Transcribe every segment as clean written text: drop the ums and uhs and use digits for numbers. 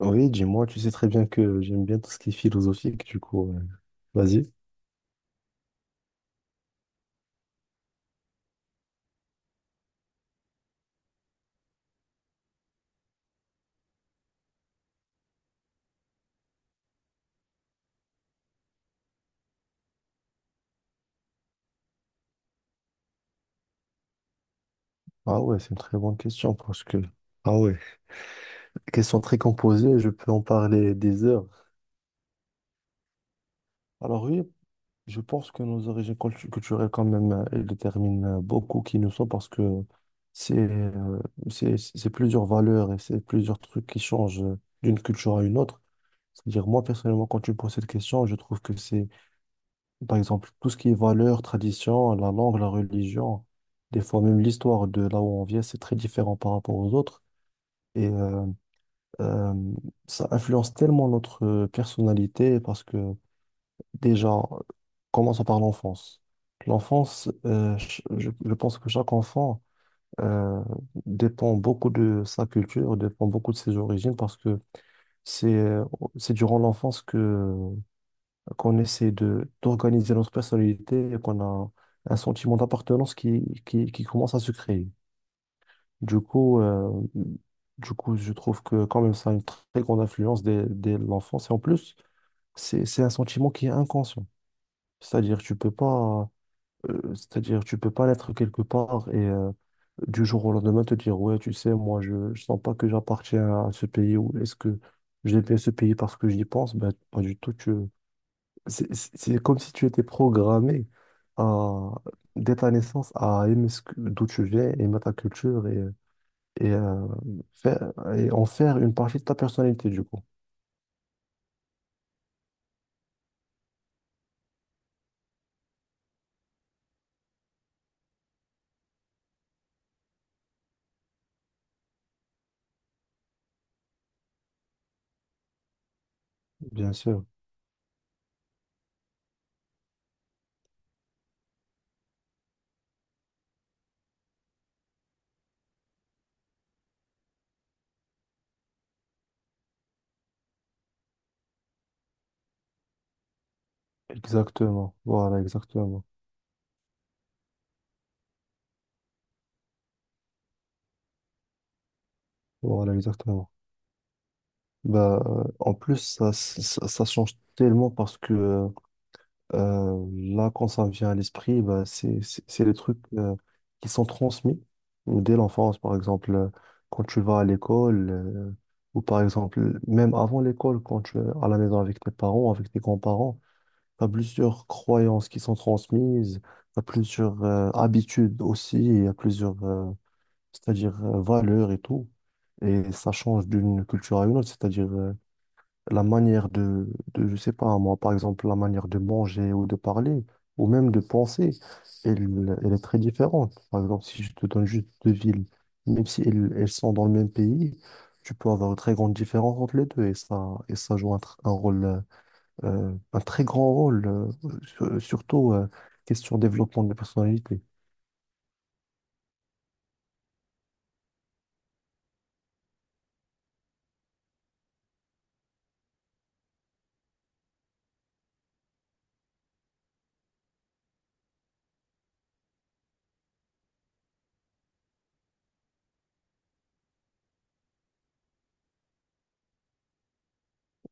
Oui, dis-moi, tu sais très bien que j'aime bien tout ce qui est philosophique, du coup, vas-y. Ah ouais, c'est une très bonne question parce que, ah ouais, question très composée, je peux en parler des heures. Alors oui, je pense que nos origines culturelles, quand même, elles déterminent beaucoup qui nous sommes parce que c'est euh, c'est plusieurs valeurs et c'est plusieurs trucs qui changent d'une culture à une autre. C'est-à-dire, moi, personnellement, quand tu me poses cette question, je trouve que c'est Par exemple, tout ce qui est valeurs, traditions, la langue, la religion, des fois même l'histoire de là où on vient, c'est très différent par rapport aux autres. Et euh, euh, ça influence tellement notre personnalité parce que déjà, commençons par l'enfance. L'enfance, je pense que chaque enfant euh, dépend beaucoup de sa culture, dépend beaucoup de ses origines parce que c'est euh, c'est durant l'enfance que qu'on essaie de d'organiser notre personnalité et qu'on a un sentiment d'appartenance qui commence à se créer. Du coup, euh, du coup, je trouve que quand même ça a une très grande influence dès l'enfance. Et en plus, c'est un sentiment qui est inconscient. C'est-à-dire, tu peux pas, c'est-à-dire, tu peux pas naître quelque part et du jour au lendemain te dire, ouais, tu sais, moi, je sens pas que j'appartiens à ce pays ou est-ce que je bien ce pays parce que j'y pense? Ben, pas du tout, tu c'est comme si tu étais programmé à, dès ta naissance à d'où tu viens, aimer ta culture et, euh, et en faire une partie de ta personnalité, du coup. Bien sûr. Exactement. Voilà, exactement. Voilà, exactement. Bah, en plus, ça change tellement parce que euh, là, quand ça me vient à l'esprit, bah, c'est les trucs qui sont transmis dès l'enfance. Par exemple, quand tu vas à l'école, ou par exemple, même avant l'école, quand tu es à la maison avec tes parents, avec tes grands-parents, tu as plusieurs croyances qui sont transmises, tu as plusieurs habitudes aussi, il y a plusieurs, c'est-à-dire, valeurs et tout. Et ça change d'une culture à une autre, c'est-à-dire, la manière de je sais pas, moi, par exemple, la manière de manger ou de parler, ou même de penser, elle est très différente. Par exemple, si je te donne juste deux villes, même si elles sont dans le même pays, tu peux avoir une très grande différence entre les deux, et ça joue un rôle, un très grand rôle, surtout, question développement de personnalité,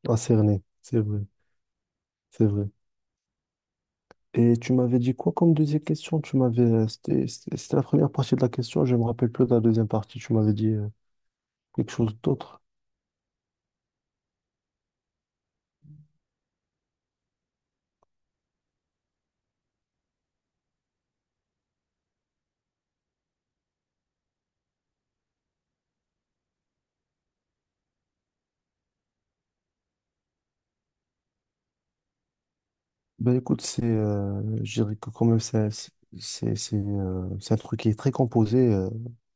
à cerner, c'est vrai, c'est vrai. Et tu m'avais dit quoi comme deuxième question? Tu m'avais, c'était la première partie de la question, je me rappelle plus de la deuxième partie. Tu m'avais dit quelque chose d'autre. Ben écoute, je dirais que quand même, c'est un truc qui est très composé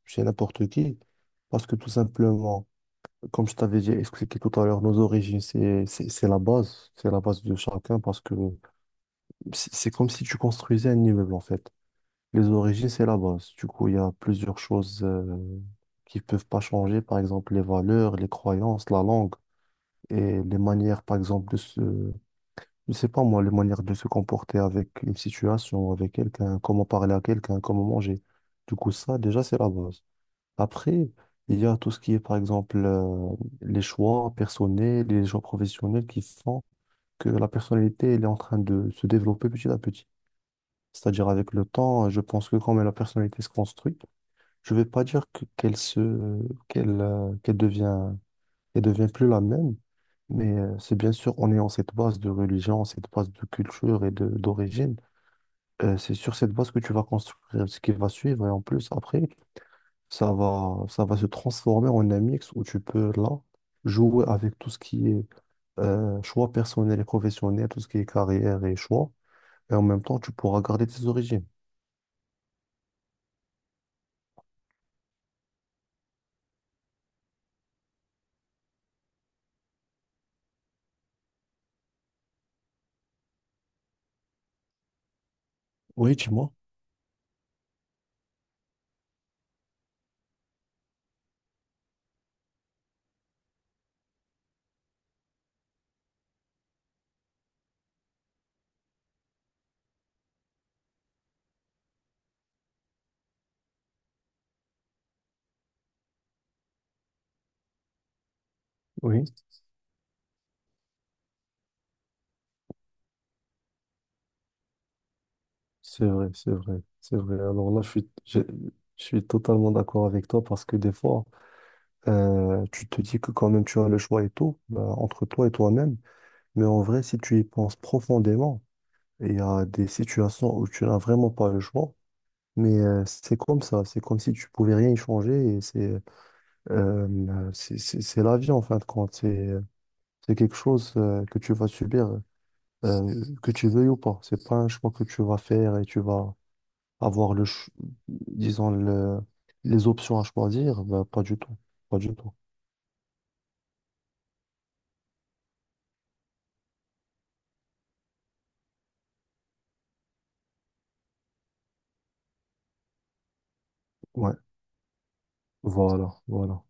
chez n'importe qui. Parce que tout simplement, comme je t'avais déjà expliqué tout à l'heure, nos origines, c'est la base. C'est la base de chacun parce que c'est comme si tu construisais un immeuble en fait. Les origines, c'est la base. Du coup, il y a plusieurs choses qui ne peuvent pas changer. Par exemple, les valeurs, les croyances, la langue et les manières, par exemple, de se... Je sais pas moi, les manières de se comporter avec une situation, avec quelqu'un, comment parler à quelqu'un, comment manger. Du coup, ça, déjà, c'est la base. Après, il y a tout ce qui est, par exemple, les choix personnels, les choix professionnels qui font que la personnalité, elle est en train de se développer petit à petit. C'est-à-dire avec le temps, je pense que quand même la personnalité se construit, je vais pas dire que- qu'elle se, qu'elle, qu'elle devient plus la même, mais c'est bien sûr en ayant cette base de religion, cette base de culture et de d'origine, c'est sur cette base que tu vas construire ce qui va suivre et en plus après, ça va se transformer en un mix où tu peux là jouer avec tout ce qui est choix personnel et professionnel, tout ce qui est carrière et choix. Et en même temps, tu pourras garder tes origines. Oui, dis-moi. Oui, c'est vrai, c'est vrai, c'est vrai. Alors là, je suis totalement d'accord avec toi parce que des fois, tu te dis que quand même tu as le choix et tout, bah, entre toi et toi-même. Mais en vrai, si tu y penses profondément, il y a des situations où tu n'as vraiment pas le choix, mais c'est comme ça, c'est comme si tu pouvais rien y changer et c'est c'est la vie en fin de compte, c'est quelque chose que tu vas subir, que tu veuilles ou pas. C'est pas un choix que tu vas faire et tu vas avoir disons le, les options à choisir, bah, pas du tout, pas du tout. Ouais, voilà, voilà,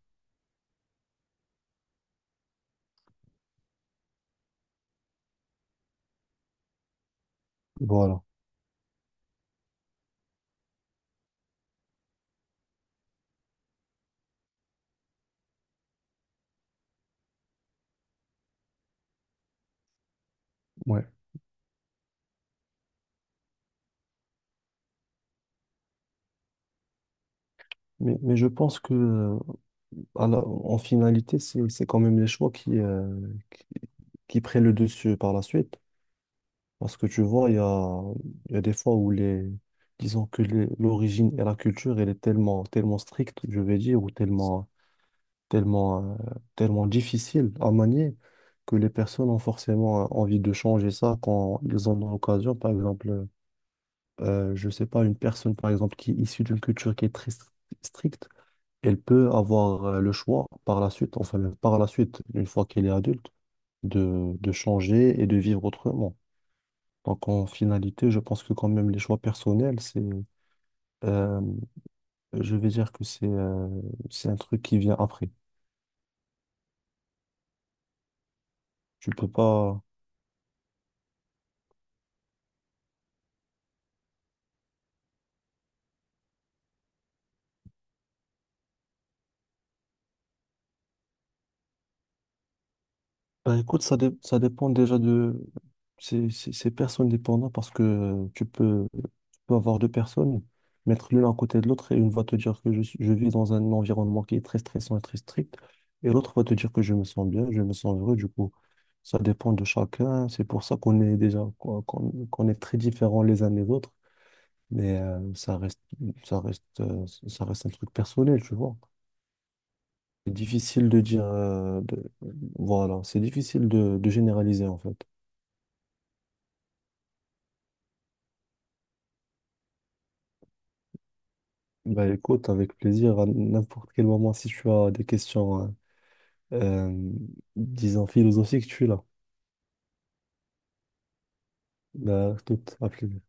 voilà. Ouais. Mais je pense que alors, en finalité, c'est quand même les choix qui, qui prennent le dessus par la suite. Parce que tu vois, il y a des fois où disons que l'origine et la culture, elle est tellement stricte, je vais dire, ou tellement, euh, tellement difficile à manier, que les personnes ont forcément envie de changer ça quand ils en ont l'occasion. Par exemple, je sais pas, une personne, par exemple, qui est issue d'une culture qui est stricte, elle peut avoir le choix par la suite, par la suite, une fois qu'elle est adulte, de changer et de vivre autrement. Donc en finalité, je pense que quand même les choix personnels, c'est, euh, je vais dire que c'est un truc qui vient après. Tu peux pas, bah, écoute, ça dépend déjà de... C'est personne dépendant parce que tu peux avoir deux personnes, mettre l'une à côté de l'autre et une va te dire que je vis dans un environnement qui est très stressant et très strict et l'autre va te dire que je me sens bien, je me sens heureux. Du coup, ça dépend de chacun. C'est pour ça qu'on est déjà, qu'on est très différents les uns des autres. Mais ça reste un truc personnel, tu vois. C'est difficile de dire. Voilà, c'est difficile de généraliser en fait. Bah écoute, avec plaisir, à n'importe quel moment, si tu as des questions, euh, disons philosophiques, tu es là. Bah, tout, à plus.